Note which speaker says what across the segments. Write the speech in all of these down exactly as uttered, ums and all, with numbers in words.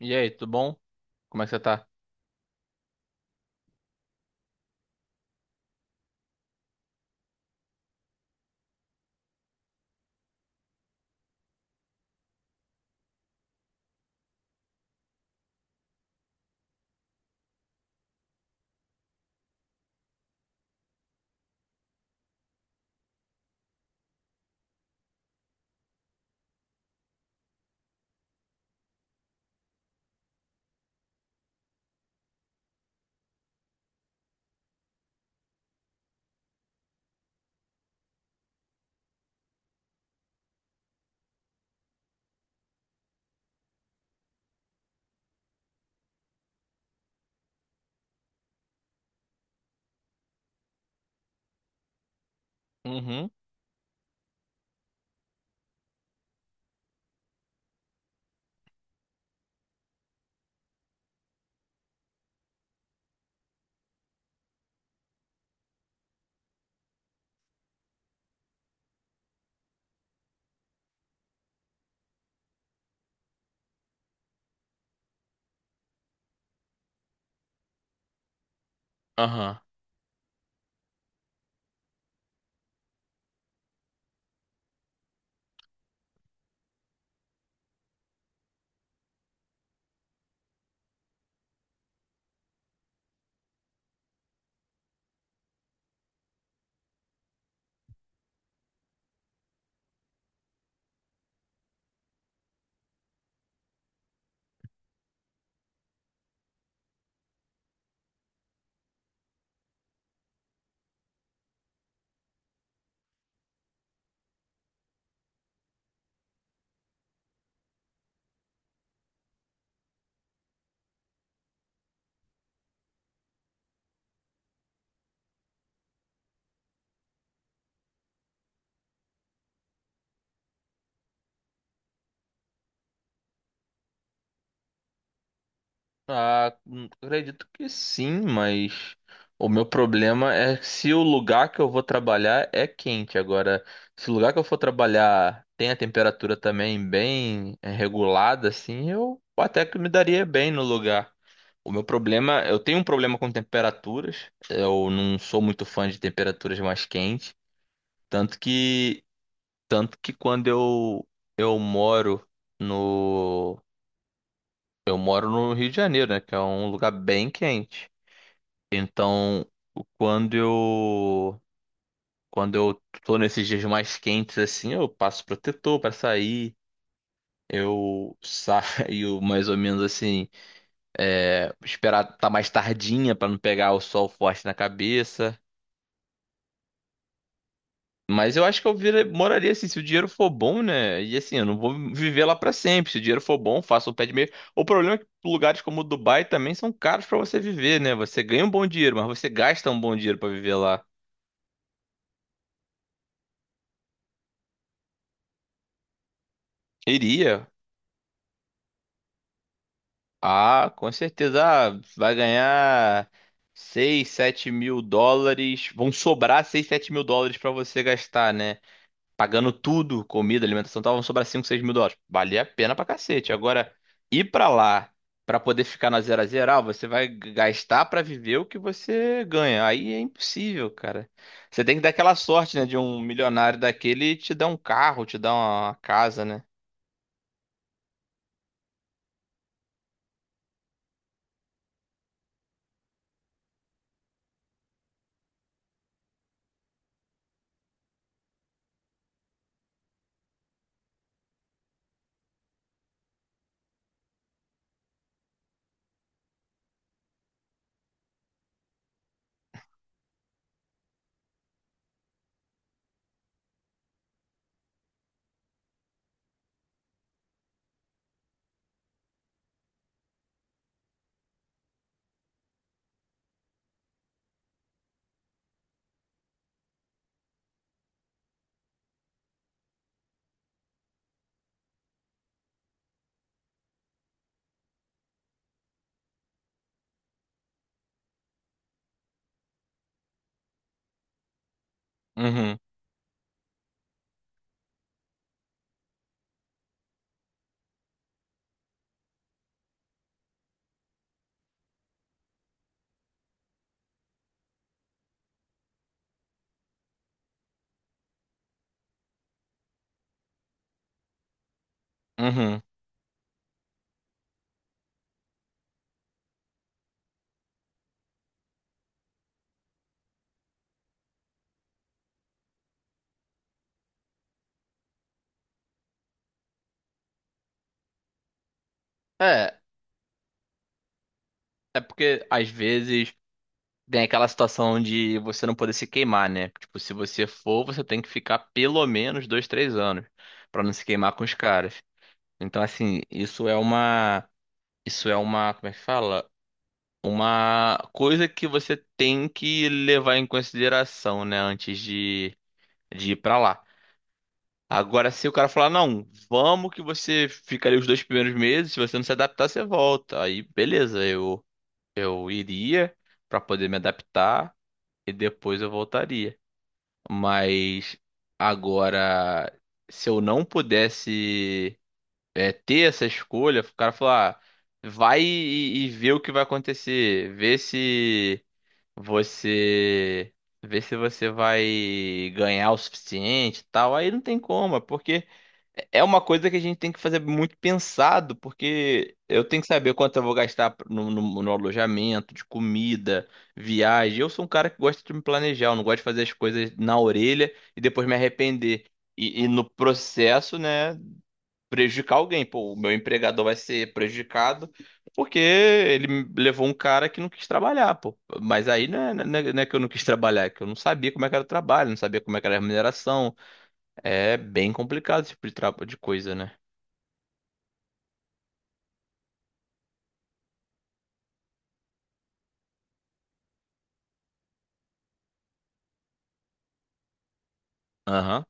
Speaker 1: E aí, tudo bom? Como é que você tá? Uhum. Aham. Ah, hum, acredito que sim, mas o meu problema é se o lugar que eu vou trabalhar é quente. Agora, se o lugar que eu for trabalhar tem a temperatura também bem eh, regulada, assim, eu até que me daria bem no lugar. O meu problema, eu tenho um problema com temperaturas. Eu não sou muito fã de temperaturas mais quentes, tanto que tanto que quando eu eu moro no Eu moro no Rio de Janeiro, né? Que é um lugar bem quente. Então, quando eu quando eu tô nesses dias mais quentes assim, eu passo protetor pra sair. Eu saio mais ou menos assim, é, esperar tá mais tardinha pra não pegar o sol forte na cabeça. Mas eu acho que eu vira- moraria assim, se o dinheiro for bom, né? E assim, eu não vou viver lá pra sempre. Se o dinheiro for bom, faço o pé de meia. O problema é que lugares como Dubai também são caros pra você viver, né? Você ganha um bom dinheiro, mas você gasta um bom dinheiro pra viver lá. Iria? Ah, com certeza. Ah, vai ganhar seis, sete mil dólares. Vão sobrar seis, sete mil dólares pra você gastar, né? Pagando tudo, comida, alimentação, estavam sobrar cinco seis mil dólares. Valia a pena pra cacete. Agora, ir pra lá pra poder ficar na zero a zero, ah, você vai g- gastar pra viver o que você ganha. Aí é impossível, cara. Você tem que dar aquela sorte, né, de um milionário daquele te dar um carro, te dar uma casa, né? Uhum, uhum. É, é porque às vezes tem aquela situação de você não poder se queimar, né? Tipo, se você for, você tem que ficar pelo menos dois, três anos pra não se queimar com os caras. Então, assim, isso é uma, isso é uma, como é que fala? Uma coisa que você tem que levar em consideração, né, antes de, de ir pra lá. Agora, se o cara falar, não, vamos que você fica ali os dois primeiros meses, se você não se adaptar, você volta. Aí, beleza, eu, eu iria pra poder me adaptar e depois eu voltaria. Mas agora, se eu não pudesse, é, ter essa escolha, o cara falar, ah, vai e, e vê o que vai acontecer, vê se você, vê se você vai ganhar o suficiente, e tal. Aí não tem como, é porque é uma coisa que a gente tem que fazer muito pensado, porque eu tenho que saber quanto eu vou gastar no, no- no alojamento, de comida, viagem. Eu sou um cara que gosta de me planejar, eu não gosto de fazer as coisas na orelha e depois me arrepender. E, e no processo, né, prejudicar alguém. Pô, o meu empregador vai ser prejudicado porque ele levou um cara que não quis trabalhar, pô. Mas aí não é, não é- não é que eu não quis trabalhar, é que eu não sabia como é que era o trabalho, não sabia como é que era a remuneração. É bem complicado esse tipo de, tra- de coisa, né? Aham,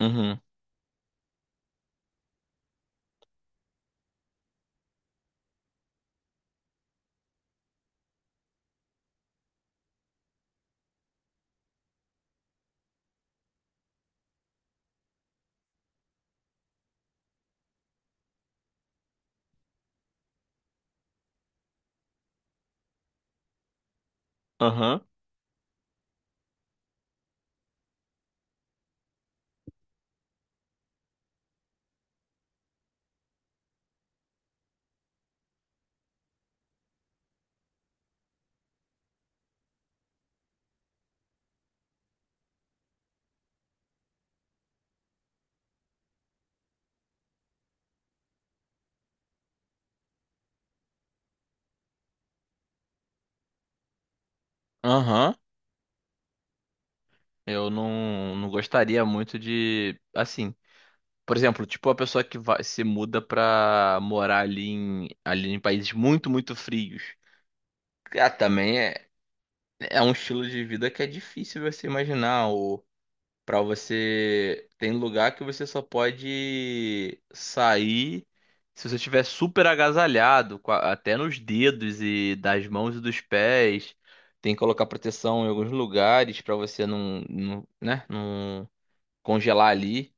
Speaker 1: uhum, aham, aham. Eu não, não gostaria muito de, assim... Por exemplo, tipo a pessoa que vai, se muda pra morar ali em, ali em países muito, muito frios. Ah, também é. É um estilo de vida que é difícil você imaginar. Ou para você. Tem lugar que você só pode sair se você estiver super agasalhado, com a- até nos dedos e das mãos e dos pés. Tem que colocar proteção em alguns lugares para você não, não, né, não congelar ali.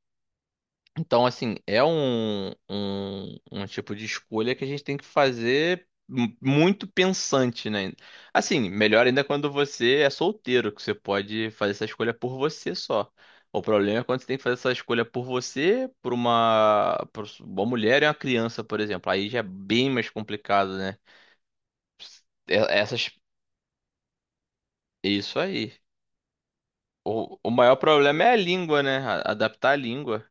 Speaker 1: Então, assim, é um, um, um tipo de escolha que a gente tem que fazer mu- muito pensante, né? Assim, melhor ainda quando você é solteiro, que você pode fazer essa escolha por você só. O problema é quando você tem que fazer essa escolha por você, por uma, por uma mulher e uma criança, por exemplo. Aí já é bem mais complicado, né? É- Essas, isso aí. O, o maior problema é a língua, né? A- Adaptar a língua.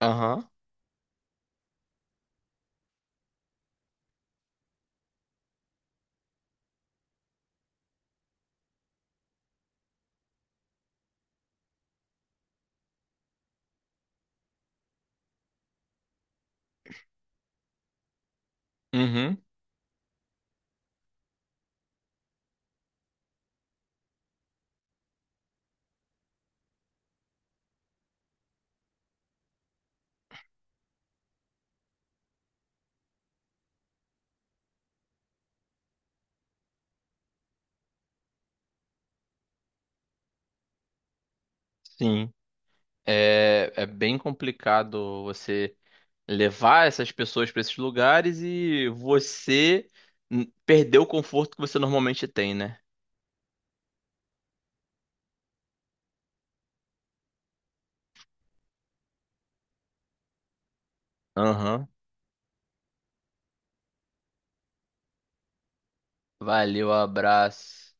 Speaker 1: Aham. Uhum. Sim. É, é bem complicado você levar essas pessoas para esses lugares e você n- perder o conforto que você normalmente tem, né? Aham. Valeu, abraço.